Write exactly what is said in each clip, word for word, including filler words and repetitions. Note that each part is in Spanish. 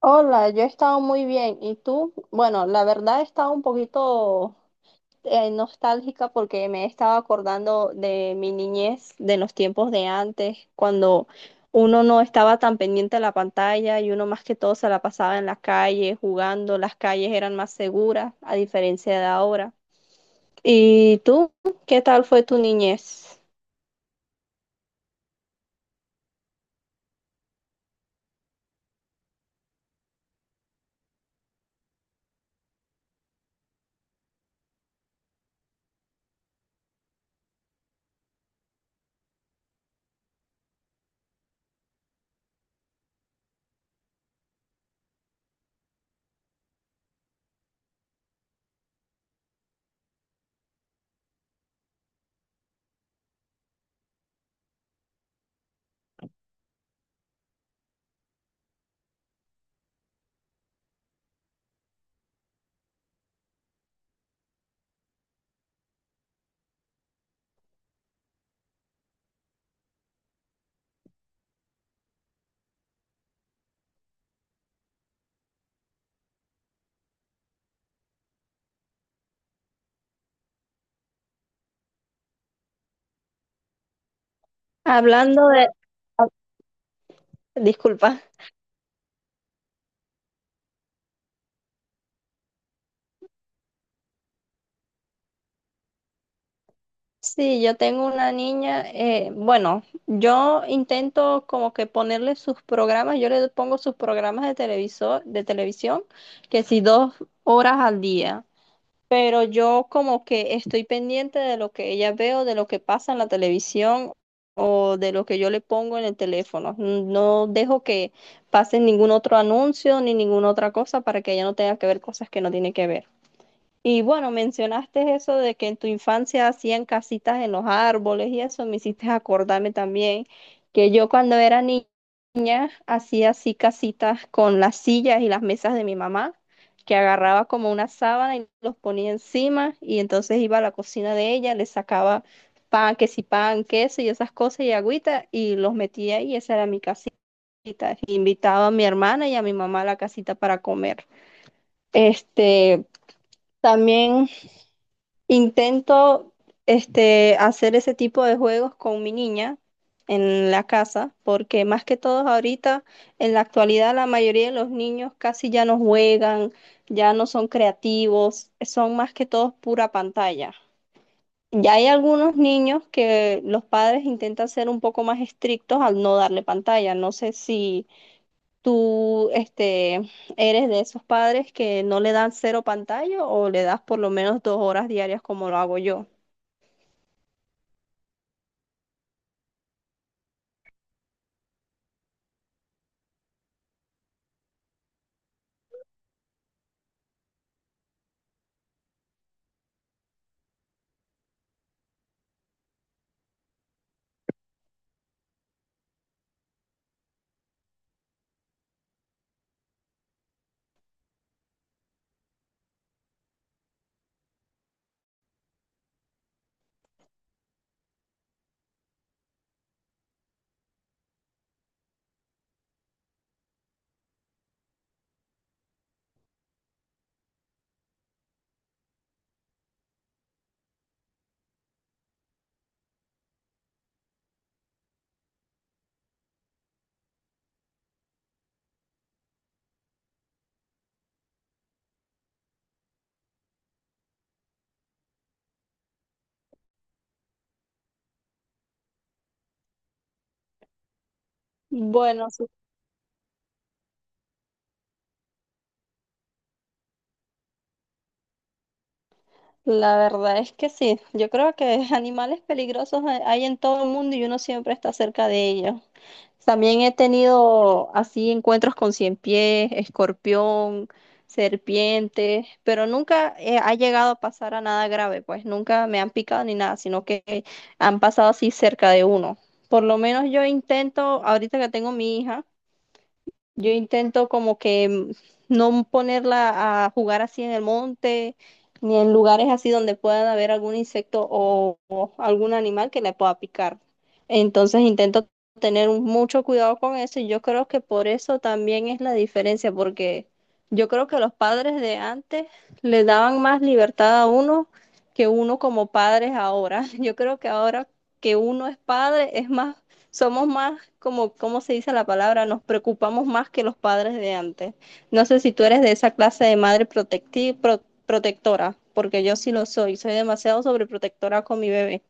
Hola, yo he estado muy bien. ¿Y tú? Bueno, la verdad he estado un poquito eh, nostálgica porque me he estado acordando de mi niñez, de los tiempos de antes, cuando uno no estaba tan pendiente de la pantalla y uno más que todo se la pasaba en la calle jugando. Las calles eran más seguras, a diferencia de ahora. ¿Y tú? ¿Qué tal fue tu niñez? Hablando de... ah, disculpa. Sí, yo tengo una niña, eh, bueno, yo intento como que ponerle sus programas, yo le pongo sus programas de televisor, de televisión, que si dos horas al día, pero yo como que estoy pendiente de lo que ella veo, de lo que pasa en la televisión o de lo que yo le pongo en el teléfono. No dejo que pase ningún otro anuncio ni ninguna otra cosa para que ella no tenga que ver cosas que no tiene que ver. Y bueno, mencionaste eso de que en tu infancia hacían casitas en los árboles y eso me hiciste acordarme también que yo cuando era niña hacía así casitas con las sillas y las mesas de mi mamá, que agarraba como una sábana y los ponía encima y entonces iba a la cocina de ella, le sacaba pan, que si pan, queso y esas cosas y agüita y los metía ahí, esa era mi casita. Invitaba a mi hermana y a mi mamá a la casita para comer. Este, también intento este, hacer ese tipo de juegos con mi niña en la casa, porque más que todos ahorita, en la actualidad, la mayoría de los niños casi ya no juegan, ya no son creativos, son más que todos pura pantalla. Ya hay algunos niños que los padres intentan ser un poco más estrictos al no darle pantalla. No sé si tú, este, eres de esos padres que no le dan cero pantalla o le das por lo menos dos horas diarias como lo hago yo. Bueno, sí, la verdad es que sí. Yo creo que animales peligrosos hay hay en todo el mundo y uno siempre está cerca de ellos. También he tenido así encuentros con cien pies, escorpión, serpientes, pero nunca eh, ha llegado a pasar a nada grave, pues nunca me han picado ni nada, sino que han pasado así cerca de uno. Por lo menos yo intento, ahorita que tengo mi hija, yo intento como que mm, no ponerla a jugar así en el monte, ni en lugares así donde pueda haber algún insecto o, o algún animal que le pueda picar. Entonces intento tener un- mucho cuidado con eso y yo creo que por eso también es la diferencia, porque yo creo que los padres de antes le daban más libertad a uno que uno como padres ahora. Yo creo que ahora que uno es padre es más somos más, como, ¿cómo se dice la palabra? Nos preocupamos más que los padres de antes. No sé si tú eres de esa clase de madre protecti- pro- protectora, porque yo sí lo soy. Soy demasiado sobreprotectora con mi bebé.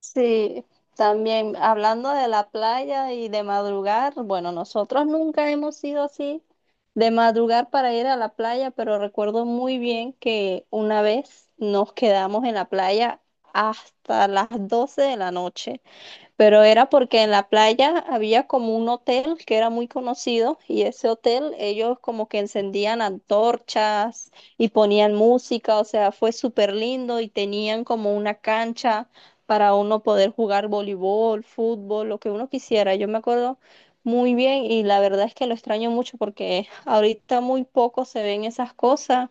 Sí, también hablando de la playa y de madrugar, bueno, nosotros nunca hemos sido así de madrugar para ir a la playa, pero recuerdo muy bien que una vez nos quedamos en la playa hasta las doce de la noche, pero era porque en la playa había como un hotel que era muy conocido y ese hotel ellos como que encendían antorchas y ponían música, o sea, fue súper lindo y tenían como una cancha para uno poder jugar voleibol, fútbol, lo que uno quisiera. Yo me acuerdo muy bien y la verdad es que lo extraño mucho porque ahorita muy poco se ven esas cosas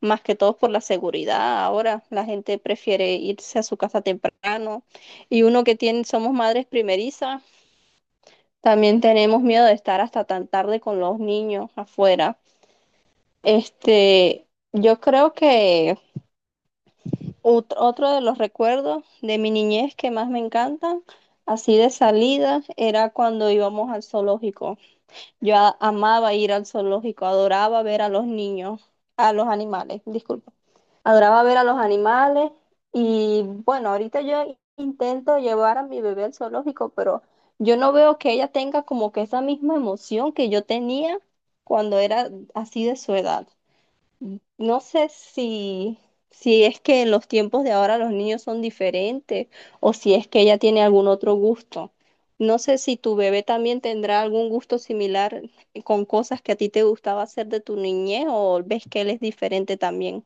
más que todo por la seguridad. Ahora la gente prefiere irse a su casa temprano y uno que tiene, somos madres primerizas, también tenemos miedo de estar hasta tan tarde con los niños afuera. Este, yo creo que ot- otro de los recuerdos de mi niñez que más me encantan, así de salida, era cuando íbamos al zoológico. Yo a- amaba ir al zoológico, adoraba ver a los niños, a los animales, disculpa. Adoraba ver a los animales y bueno, ahorita yo intento llevar a mi bebé al zoológico, pero yo no veo que ella tenga como que esa misma emoción que yo tenía cuando era así de su edad. No sé si, si es que en los tiempos de ahora los niños son diferentes o si es que ella tiene algún otro gusto. No sé si tu bebé también tendrá algún gusto similar con cosas que a ti te gustaba hacer de tu niñez o ves que él es diferente también.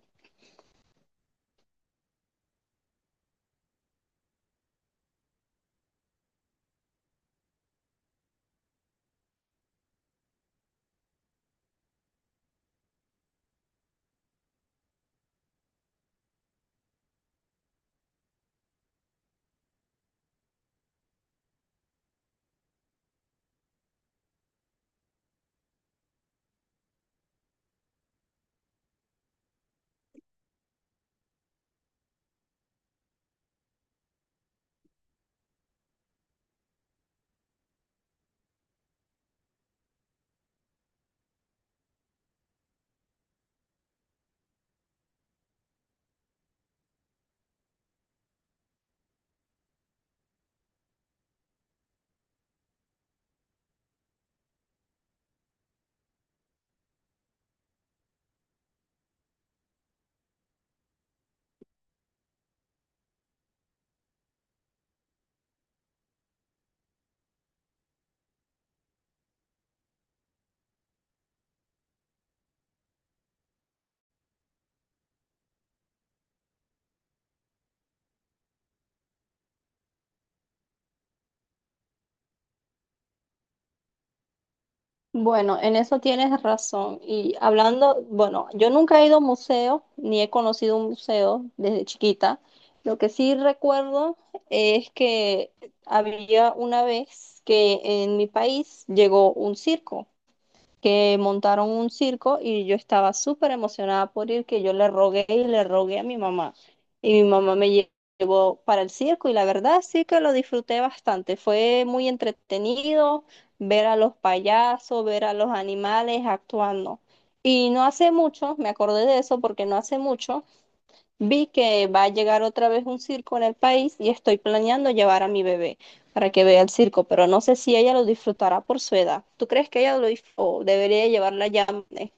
Bueno, en eso tienes razón. Y hablando, bueno, yo nunca he ido a un museo, ni he conocido un museo desde chiquita. Lo que sí recuerdo es que había una vez que en mi país llegó un circo, que montaron un circo y yo estaba súper emocionada por ir, que yo le rogué y le rogué a mi mamá. Y mi mamá me lle- llevó para el circo y la verdad sí que lo disfruté bastante. Fue muy entretenido ver a los payasos, ver a los animales actuando. Y no hace mucho, me acordé de eso porque no hace mucho vi que va a llegar otra vez un circo en el país y estoy planeando llevar a mi bebé para que vea el circo, pero no sé si ella lo disfrutará por su edad. ¿Tú crees que ella lo dif- o debería llevarla ya? Eh,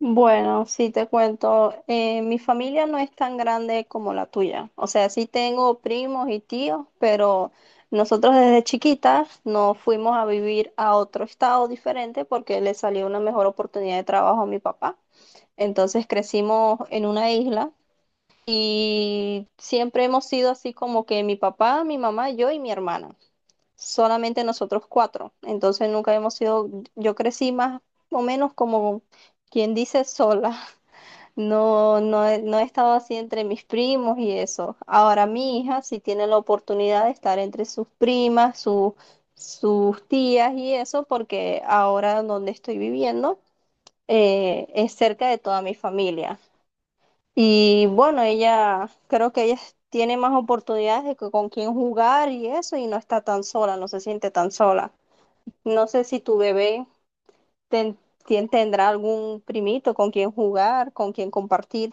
bueno, sí te cuento, eh, mi familia no es tan grande como la tuya. O sea, sí tengo primos y tíos, pero nosotros desde chiquitas nos fuimos a vivir a otro estado diferente porque le salió una mejor oportunidad de trabajo a mi papá. Entonces crecimos en una isla y siempre hemos sido así como que mi papá, mi mamá, yo y mi hermana. Solamente nosotros cuatro. Entonces nunca hemos sido, yo crecí más o menos como quien dice sola. No, no, he- no he estado así entre mis primos y eso. Ahora mi hija sí tiene la oportunidad de estar entre sus primas, su- sus tías y eso, porque ahora donde estoy viviendo eh, es cerca de toda mi familia. Y bueno, ella, creo que ella tiene más oportunidades de que con quién jugar y eso, y no está tan sola, no se siente tan sola. No sé si tu bebé ten- tien- tendrá algún primito con quien jugar, con quien compartir.